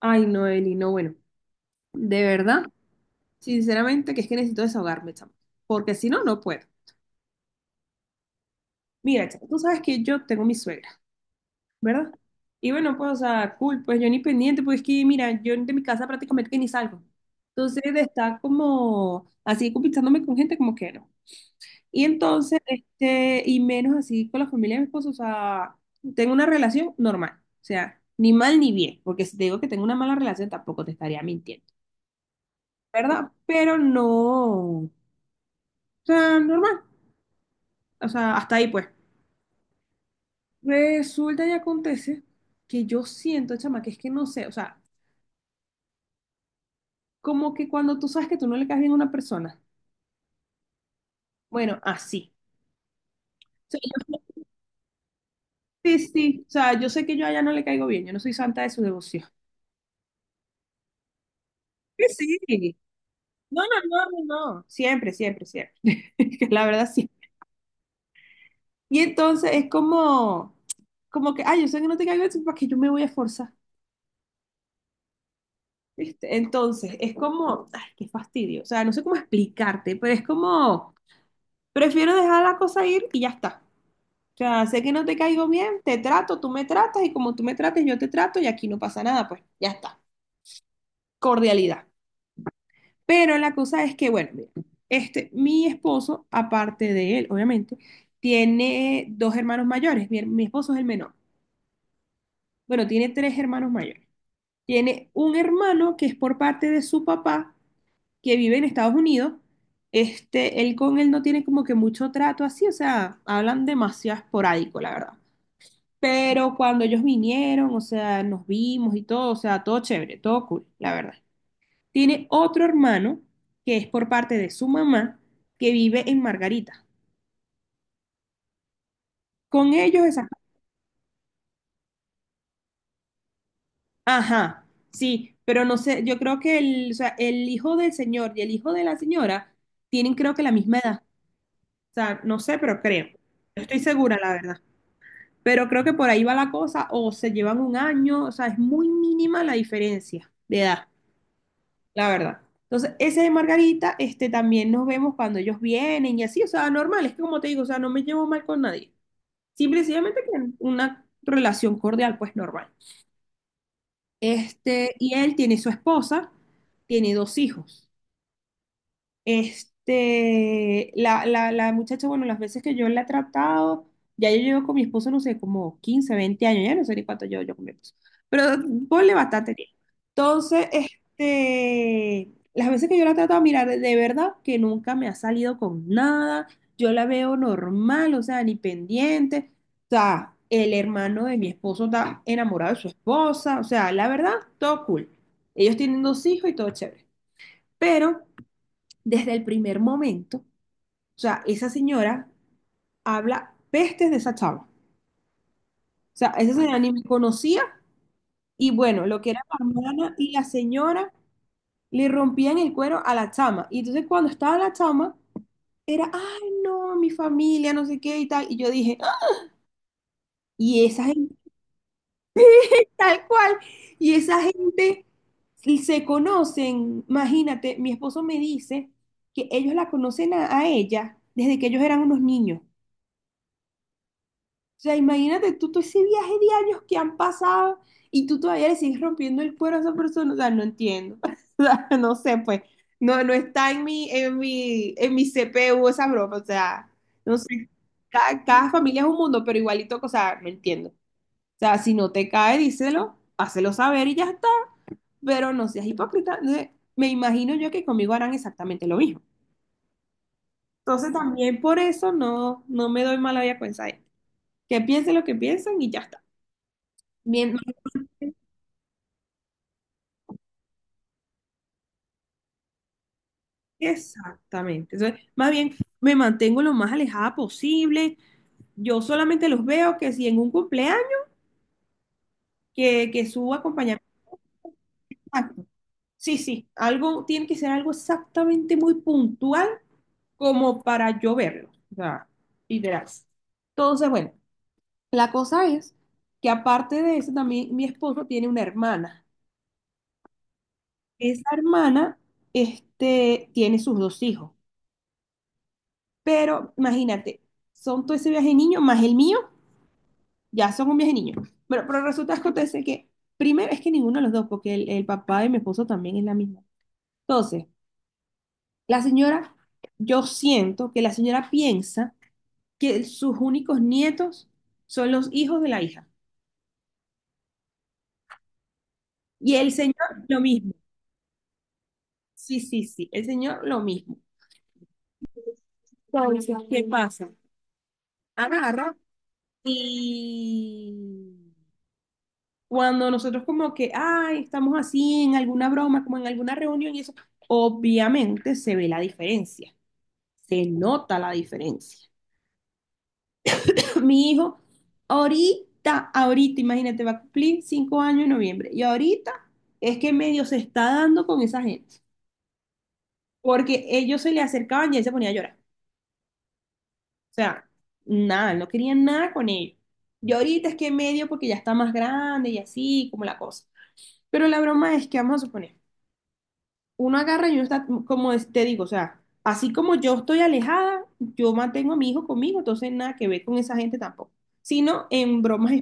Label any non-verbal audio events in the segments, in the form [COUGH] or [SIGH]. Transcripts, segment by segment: Ay, no, Eli, no, bueno, de verdad, sinceramente que es que necesito desahogarme, chamo, porque si no, no puedo. Mira, chamo, tú sabes que yo tengo mi suegra, ¿verdad? Y bueno, pues, o sea, cool, pues yo ni pendiente, pues es que, mira, yo de mi casa prácticamente que ni salgo. Entonces, de estar como así compitiéndome con gente, como que no. Y entonces, y menos así con la familia de mi esposo, o sea, tengo una relación normal, o sea, ni mal ni bien, porque si te digo que tengo una mala relación, tampoco te estaría mintiendo. ¿Verdad? Pero no. O sea, normal. O sea, hasta ahí pues. Resulta y acontece que yo siento, chama, que es que no sé, o sea, como que cuando tú sabes que tú no le caes bien a una persona, bueno, así. O sea, sí, sí, o sea, yo sé que yo a ella no le caigo bien, yo no soy santa de su devoción. Sí, sí. No, no, no, no, no. Siempre, siempre, siempre. [LAUGHS] Que la verdad, sí. Y entonces es como, como que, ay, yo sé que no te caigo bien, entonces, ¿para que yo me voy a forzar? ¿Viste? Entonces, es como, ay, qué fastidio. O sea, no sé cómo explicarte, pero es como... Prefiero dejar la cosa ir y ya está. O sea, sé que no te caigo bien, te trato, tú me tratas y como tú me trates, yo te trato y aquí no pasa nada, pues ya está. Cordialidad. Pero la cosa es que, bueno, mira, mi esposo, aparte de él, obviamente, tiene dos hermanos mayores. Mi esposo es el menor. Bueno, tiene tres hermanos mayores. Tiene un hermano que es por parte de su papá, que vive en Estados Unidos. Él con él no tiene como que mucho trato así, o sea, hablan demasiado esporádico, la verdad. Pero cuando ellos vinieron, o sea, nos vimos y todo, o sea, todo chévere, todo cool, la verdad. Tiene otro hermano que es por parte de su mamá que vive en Margarita. Con ellos esa... Ajá, sí, pero no sé, yo creo que el hijo del señor y el hijo de la señora tienen creo que la misma edad. O sea, no sé, pero creo. No estoy segura, la verdad. Pero creo que por ahí va la cosa, o se llevan un año, o sea, es muy mínima la diferencia de edad. La verdad. Entonces, ese de Margarita, también nos vemos cuando ellos vienen y así, o sea, normal, es que como te digo, o sea, no me llevo mal con nadie. Simple y sencillamente que una relación cordial, pues normal. Y él tiene su esposa, tiene dos hijos. Este, la muchacha, bueno, las veces que yo la he tratado, ya yo llevo con mi esposo, no sé, como 15 20 años, ya no sé ni cuánto llevo yo con mi esposo, pero ponle bastante tiempo. Entonces, las veces que yo la he tratado, mira, de verdad que nunca me ha salido con nada, yo la veo normal, o sea, ni pendiente, o sea, el hermano de mi esposo está enamorado de su esposa, o sea, la verdad, todo cool. Ellos tienen dos hijos y todo chévere, pero desde el primer momento, o sea, esa señora habla pestes de esa chava. O sea, esa señora ni me conocía y bueno, lo que era la hermana y la señora le rompían el cuero a la chama. Y entonces cuando estaba la chama, era, ay, no, mi familia, no sé qué y tal. Y yo dije, "Ah, y esa gente tal cual, y esa gente se conocen, imagínate, mi esposo me dice que ellos la conocen a ella desde que ellos eran unos niños. O sea, imagínate tú todo ese viaje de años que han pasado y tú todavía le sigues rompiendo el cuero a esa persona. O sea, no entiendo. [LAUGHS] O sea, no sé, pues. No, no está en mi CPU esa broma. O sea, no sé. Cada familia es un mundo, pero igualito, o sea, no entiendo. O sea, si no te cae, díselo, hácelo saber y ya está. Pero no seas hipócrita. No sé, me imagino yo que conmigo harán exactamente lo mismo. Entonces también por eso no, no me doy mala vida con esa gente. Que piensen lo que piensan y ya está. Mien- Exactamente. Entonces, más bien me mantengo lo más alejada posible. Yo solamente los veo que si en un cumpleaños, que su acompañamiento. Exacto. Sí, sí, algo tiene que ser algo exactamente muy puntual como para yo verlo. O sea, literal. Entonces, bueno, la cosa es que aparte de eso, también mi esposo tiene una hermana. Esa hermana, tiene sus dos hijos. Pero imagínate, son todo ese viaje de niños más el mío. Ya son un viaje niño. Bueno, pero resulta que acontece que, primero, es que ninguno de los dos, porque el papá de mi esposo también es la misma. Entonces, la señora, yo siento que la señora piensa que sus únicos nietos son los hijos de la hija. Y el señor, lo mismo. Sí, sí, sí, el señor, lo mismo. Entonces, ¿qué pasa? Agarra y cuando nosotros como que, ay, estamos así en alguna broma, como en alguna reunión y eso, obviamente se ve la diferencia. Se nota la diferencia. [LAUGHS] Mi hijo, ahorita, ahorita, imagínate, va a cumplir 5 años en noviembre. Y ahorita es que medio se está dando con esa gente. Porque ellos se le acercaban y él se ponía a llorar. O sea, nada, no querían nada con ellos. Y ahorita es que medio porque ya está más grande y así, como la cosa. Pero la broma es que vamos a suponer. Uno agarra y uno está, como te digo, o sea, así como yo estoy alejada, yo mantengo a mi hijo conmigo, entonces nada que ver con esa gente tampoco, sino en bromas.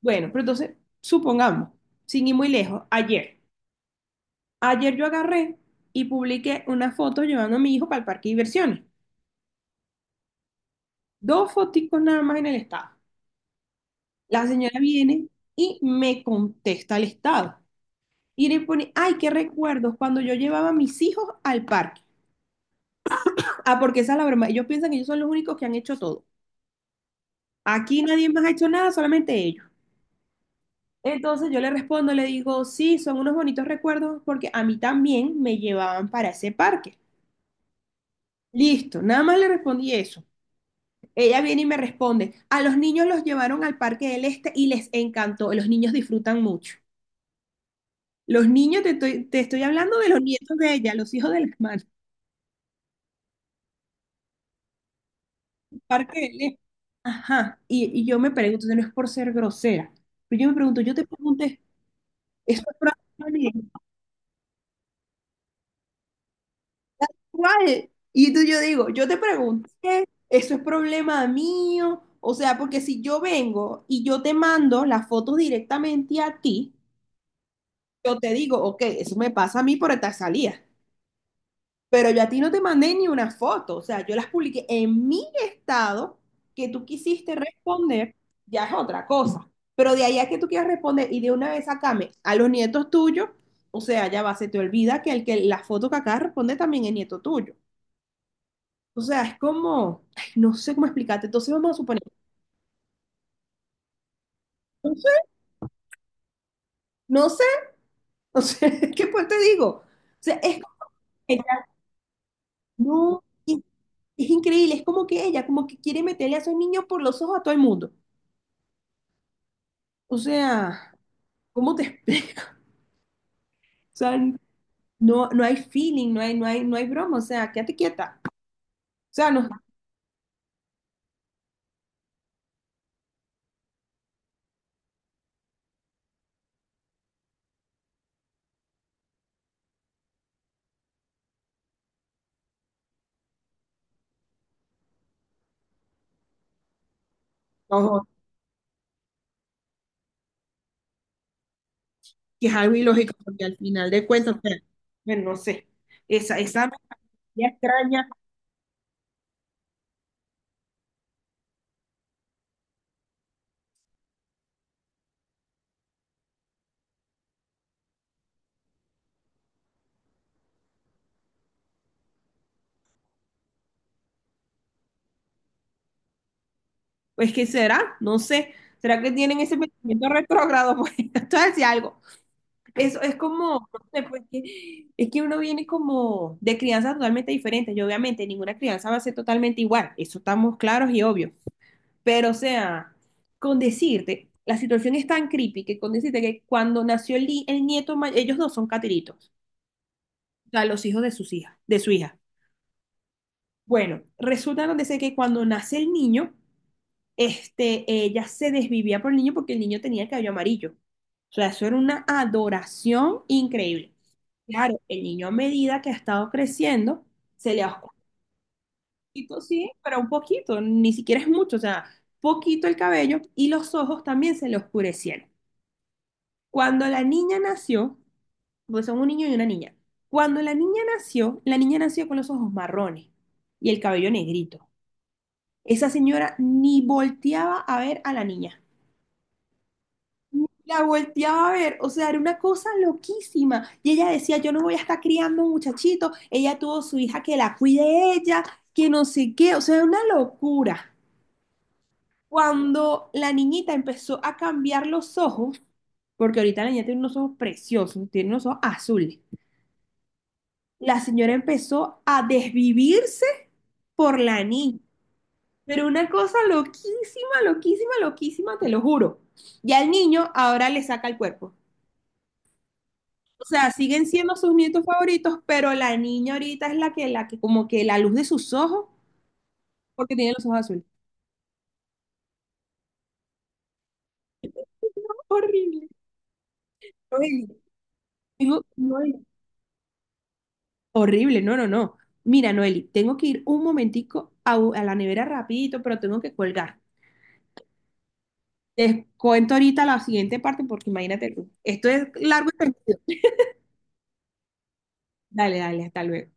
Bueno, pero entonces, supongamos, sin ir muy lejos, ayer, ayer yo agarré y publiqué una foto llevando a mi hijo para el parque de diversiones, dos foticos nada más en el estado. La señora viene y me contesta el estado. Y le pone, ay, qué recuerdos cuando yo llevaba a mis hijos al parque. Ah, porque esa es la broma. Ellos piensan que ellos son los únicos que han hecho todo. Aquí nadie más ha hecho nada, solamente ellos. Entonces yo le respondo, le digo, sí, son unos bonitos recuerdos porque a mí también me llevaban para ese parque. Listo, nada más le respondí eso. Ella viene y me responde, a los niños los llevaron al Parque del Este y les encantó, los niños disfrutan mucho. Los niños, te estoy hablando de los nietos de ella, los hijos del hermano, Parque del Este. Ajá, y yo me pregunto, no es por ser grosera, pero yo me pregunto, yo te pregunté, ¿eso es probable? ¿Cuál? Y tú, yo digo, yo te pregunté, eso es problema mío. O sea, porque si yo vengo y yo te mando las fotos directamente a ti, yo te digo, ok, eso me pasa a mí por esta salida. Pero yo a ti no te mandé ni una foto. O sea, yo las publiqué en mi estado, que tú quisiste responder, ya es otra cosa. Pero de ahí a que tú quieras responder y de una vez sacame a los nietos tuyos, o sea, ya va, se te olvida que el que la foto que acá responde también es nieto tuyo. O sea, es como, ay, no sé cómo explicarte. Entonces vamos a suponer, no sé, no sé, [LAUGHS] o sea, ¿qué pues te digo? O sea, es como que ella no, es increíble, es como que ella, como que quiere meterle a esos niños por los ojos a todo el mundo. O sea, ¿cómo te explico? [LAUGHS] O sea, no, no hay feeling, no hay, no hay, no hay broma, o sea, quédate quieta. O sea, no, no, que es algo ilógico, porque al final de cuentas, o sea, bueno, no sé, esa mentalidad extraña. Es que será, no sé. ¿Será que tienen ese pensamiento retrógrado? [LAUGHS] Pues esto decía [LAUGHS] algo. Eso es como, no sé, pues que, es que uno viene como de crianza totalmente diferente. Y obviamente ninguna crianza va a ser totalmente igual. Eso estamos claros y obvios. Pero o sea, con decirte, la situación es tan creepy que con decirte que cuando nació el nieto, ellos dos son catiritos. O sea, los hijos de sus hijas, de su hija. Bueno, resulta donde sé que cuando nace el niño, ella se desvivía por el niño porque el niño tenía el cabello amarillo. O sea, eso era una adoración increíble. Claro, el niño a medida que ha estado creciendo, se le ha oscurecido, sí, pero un poquito, ni siquiera es mucho, o sea, poquito el cabello y los ojos también se le oscurecieron. Cuando la niña nació, pues son un niño y una niña. Cuando la niña nació con los ojos marrones y el cabello negrito. Esa señora ni volteaba a ver a la niña. La volteaba a ver, o sea, era una cosa loquísima. Y ella decía, yo no voy a estar criando un muchachito, ella tuvo su hija que la cuide ella, que no sé qué, o sea, era una locura. Cuando la niñita empezó a cambiar los ojos, porque ahorita la niña tiene unos ojos preciosos, tiene unos ojos azules, la señora empezó a desvivirse por la niña. Pero una cosa loquísima, loquísima, loquísima, te lo juro. Ya el niño ahora le saca el cuerpo. O sea, siguen siendo sus nietos favoritos, pero la niña ahorita es como que la luz de sus ojos, porque tiene los ojos azules. Horrible. Noeli, Noeli, horrible, no, no, no. Mira, Noeli, tengo que ir un momentico a la nevera rapidito, pero tengo que colgar. Te cuento ahorita la siguiente parte porque imagínate tú. Esto es largo y tendido. Dale, dale, hasta luego.